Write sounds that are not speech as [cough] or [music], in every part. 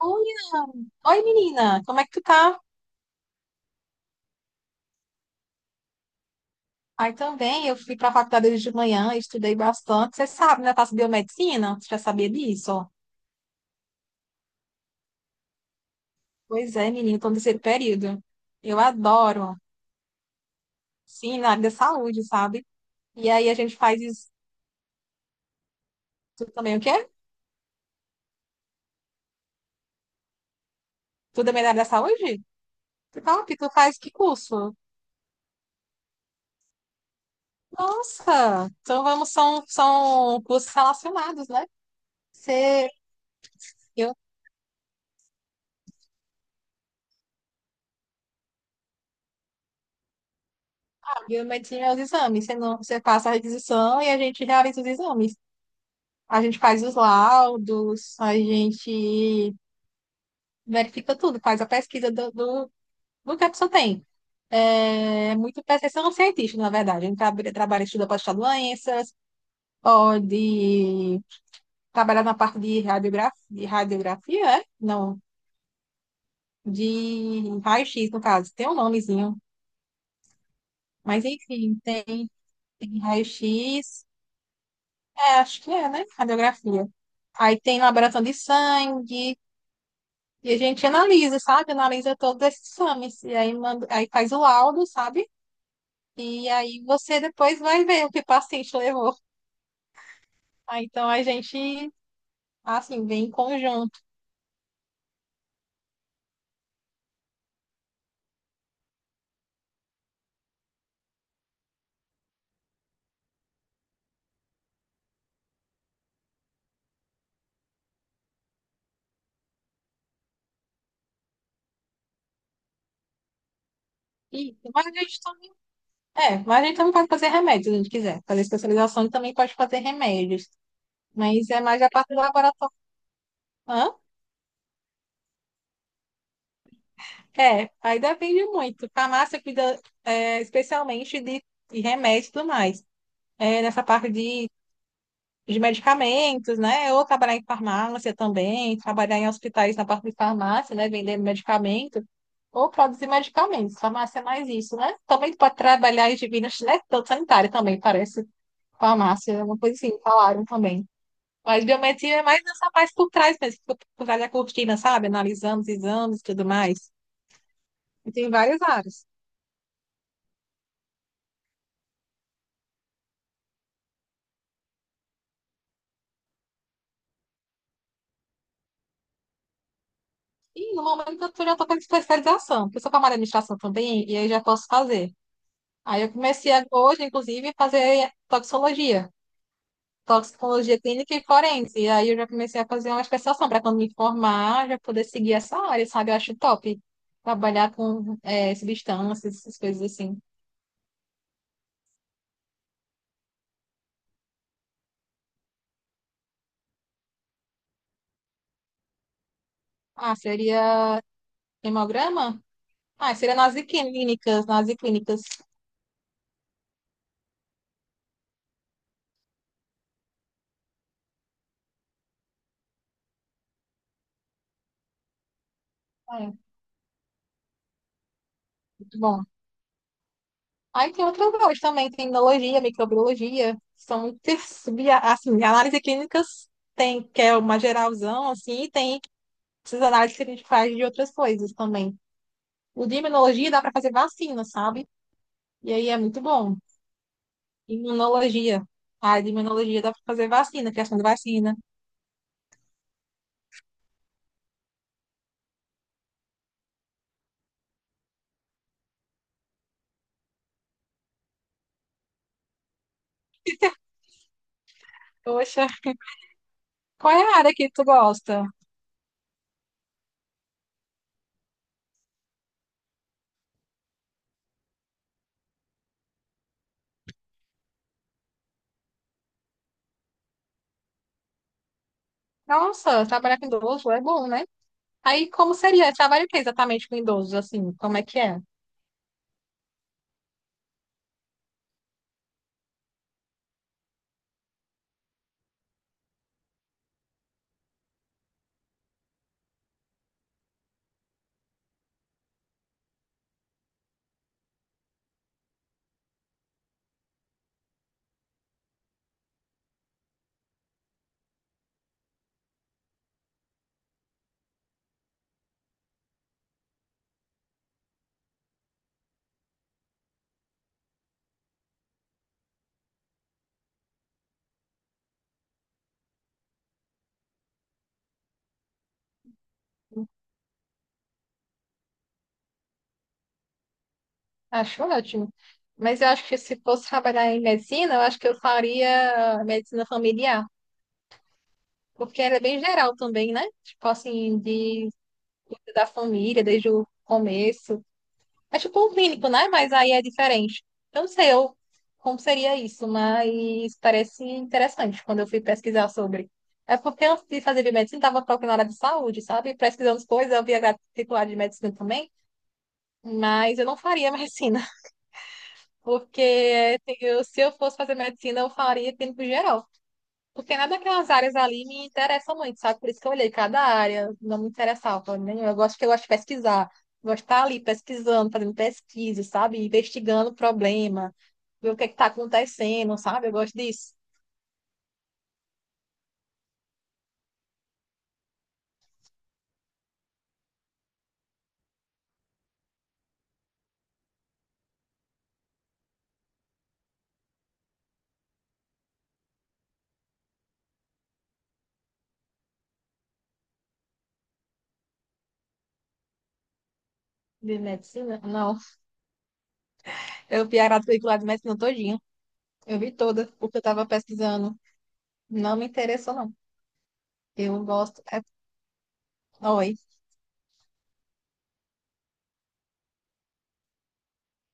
Olha! Oi, menina, como é que tu tá? Aí também, eu fui pra faculdade hoje de manhã, estudei bastante. Você sabe, né? Eu faço biomedicina, você já sabia disso? Pois é, menina, tô no terceiro período. Eu adoro, sim, na área da saúde, sabe? E aí a gente faz isso tu também, o quê? Tu também é da área da saúde? Que top, tu faz que curso? Nossa, então vamos, são cursos relacionados, né? Você, eu, biomedicina é os exames, você, não, você passa a requisição e a gente realiza os exames. A gente faz os laudos, a gente verifica tudo, faz a pesquisa do que a pessoa tem. É é muito percepção científica, na verdade. A gente trabalha, trabalha estuda para estudar doenças, pode trabalhar na parte de radiografia, é? Não, de raio-x, no caso. Tem um nomezinho. Mas, enfim, tem, tem raio-x, é, acho que é, né? Radiografia. Aí tem laboração de sangue, e a gente analisa, sabe? Analisa todos esses exames. E aí, manda, aí faz o laudo, sabe? E aí você depois vai ver o que o paciente levou. Ah, então a gente, assim, vem em conjunto. Mas a gente também, mas a gente também pode fazer remédios, se a gente quiser. Fazer especialização e também pode fazer remédios. Mas é mais a parte do laboratório. Hã? É, aí depende muito. Farmácia cuida, especialmente de remédios e tudo mais. É, nessa parte de medicamentos, né? Ou trabalhar em farmácia também, trabalhar em hospitais na parte de farmácia, né? Vendendo medicamento, ou produzir medicamentos. Farmácia é mais isso, né? Também tu pode trabalhar em divinas, né? Tanto sanitária também, parece. Farmácia, é uma coisa assim, falaram também. Mas biometria é mais nessa parte por trás mesmo, por trás da cortina, sabe? Analisando os exames e tudo mais. E tem várias áreas. E no momento eu já estou com especialização, porque eu sou camarada de administração também, e aí já posso fazer. Aí eu comecei hoje, inclusive, a fazer toxicologia, toxicologia clínica e forense. E aí eu já comecei a fazer uma especialização para quando me formar, já poder seguir essa área, sabe? Eu acho top trabalhar com substâncias, essas coisas assim. Ah, seria hemograma? Ah, seria nas clínicas, nas clínicas. É, muito bom. Aí tem outras áreas também, tem imunologia, microbiologia, são muitas, assim, análise clínicas tem, que é uma geralzão, assim, e tem essas análises que a gente faz de outras coisas também. O de imunologia dá para fazer vacina, sabe? E aí é muito bom. Imunologia. A área de imunologia dá para fazer vacina, criação de vacina. Poxa, qual é a área que tu gosta? Nossa, trabalhar com idoso é bom, né? Aí como seria? Trabalha o que exatamente com idosos, assim? Como é que é? Acho ótimo. Mas eu acho que se fosse trabalhar em medicina, eu acho que eu faria medicina familiar, porque ela é bem geral também, né? Tipo assim, de cuida da família desde o começo. É tipo um clínico, né? Mas aí é diferente. Eu não sei eu, como seria isso, mas parece interessante quando eu fui pesquisar sobre. É porque antes de fazer biomedicina, estava procurando área de saúde, sabe? Pesquisando as coisas, eu via grade titular de medicina também, mas eu não faria medicina, [laughs] porque assim, se eu fosse fazer medicina, eu faria clínico geral. Porque nada daquelas áreas ali me interessa muito, sabe? Por isso que eu olhei cada área, não me interessava, né? Eu gosto de pesquisar, gosto de estar ali pesquisando, fazendo pesquisa, sabe? Investigando o problema, ver o que está acontecendo, sabe? Eu gosto disso. De medicina? Não. Eu vi a quadrícula de medicina todinha. Eu vi toda, porque eu estava pesquisando. Não me interessou, não. Eu gosto. Oi,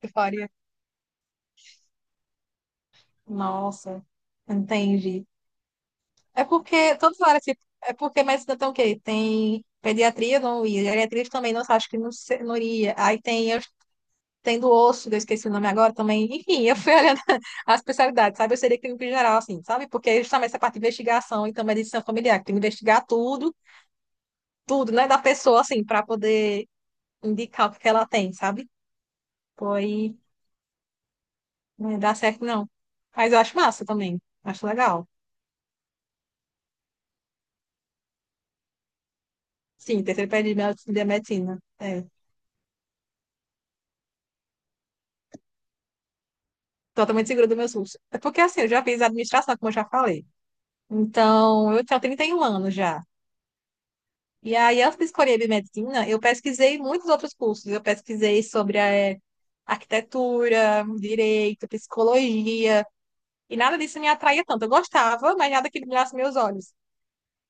eu faria. Nossa, entendi. É porque todas as áreas, tipo, é porque medicina tem o quê? Tem pediatria, não ia. Geriatria também, não acho que não, não iria. Aí tem, tem do osso, que eu esqueci o nome agora também. Enfim, eu fui [laughs] olhando as especialidades, sabe? Eu seria clínico em geral, assim, sabe? Porque é justamente essa parte de investigação e também de medicina familiar, que tem que investigar tudo, né, da pessoa, assim, para poder indicar o que que ela tem, sabe? Pois não dá certo, não. Mas eu acho massa também. Acho legal. Sim, terceiro período de de medicina. É. Totalmente segura dos meus custos. É porque assim, eu já fiz administração, como eu já falei. Então, eu tenho 31 anos já. E aí, antes de escolher a biomedicina, eu pesquisei muitos outros cursos. Eu pesquisei sobre arquitetura, direito, psicologia, e nada disso me atraía tanto. Eu gostava, mas nada que brilhasse meus olhos.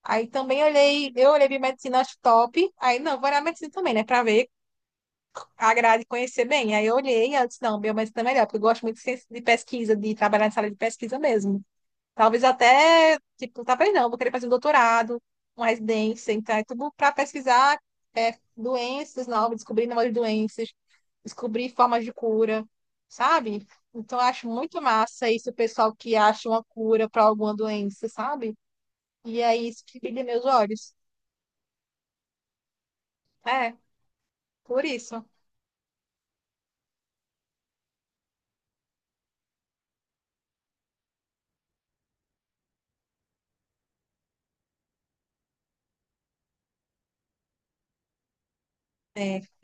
Eu olhei biomedicina, acho top. Aí, não, vou olhar medicina também, né, para ver a grade e conhecer bem. Aí eu olhei e eu disse, não, biomedicina é melhor, porque eu gosto muito de de pesquisa, de trabalhar na sala de pesquisa mesmo. Talvez até, tipo, talvez não, vou querer fazer um doutorado, uma residência, então é tudo para pesquisar doenças novas, descobrir novas doenças, descobrir formas de cura, sabe? Então eu acho muito massa isso, o pessoal que acha uma cura para alguma doença, sabe? E é isso que brilha meus olhos. É, por isso.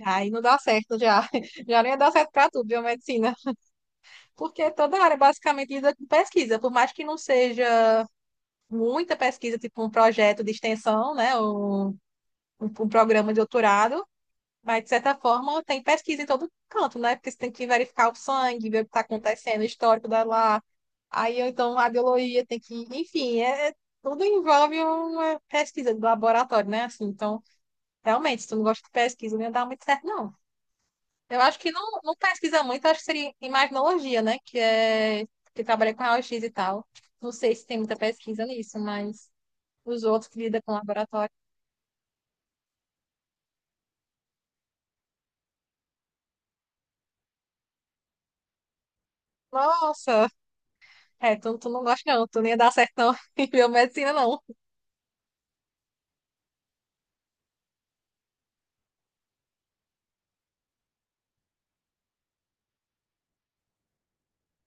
Aí não dá certo já. [laughs] Já não ia dar certo para tudo, biomedicina. Porque toda área basicamente lida com pesquisa, por mais que não seja muita pesquisa, tipo um projeto de extensão, né? Um programa de doutorado, mas de certa forma tem pesquisa em todo canto, né? Porque você tem que verificar o sangue, ver o que está acontecendo, o histórico da lá. Aí ou então a biologia tem que, enfim, tudo envolve uma pesquisa de laboratório, né? Assim, então, realmente, se tu não gosta de pesquisa, não ia dar muito certo, não. Eu acho que não, não pesquisa muito, acho que seria imaginologia, né? Que é que trabalha com raio-x e tal. Não sei se tem muita pesquisa nisso, mas os outros que lidam com laboratório. Nossa, é, tu não gosta não, tu nem ia dar certo não [laughs] em biomedicina não.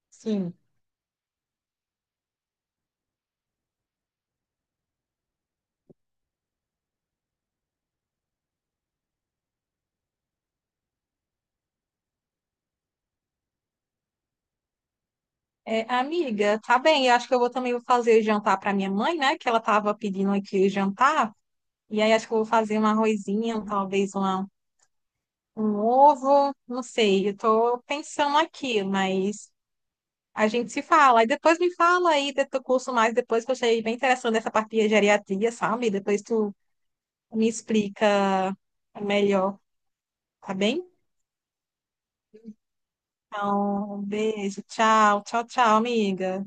Sim. É, amiga, tá bem, eu acho que eu vou também vou fazer jantar para minha mãe, né, que ela tava pedindo aqui jantar, e aí acho que eu vou fazer um arrozinho, talvez uma, um ovo, não sei, eu tô pensando aqui, mas a gente se fala, e depois me fala aí do teu curso mais, depois que eu achei bem interessante essa parte de geriatria, sabe, depois tu me explica melhor, tá bem? Então, um beijo. Tchau, tchau, tchau, amiga.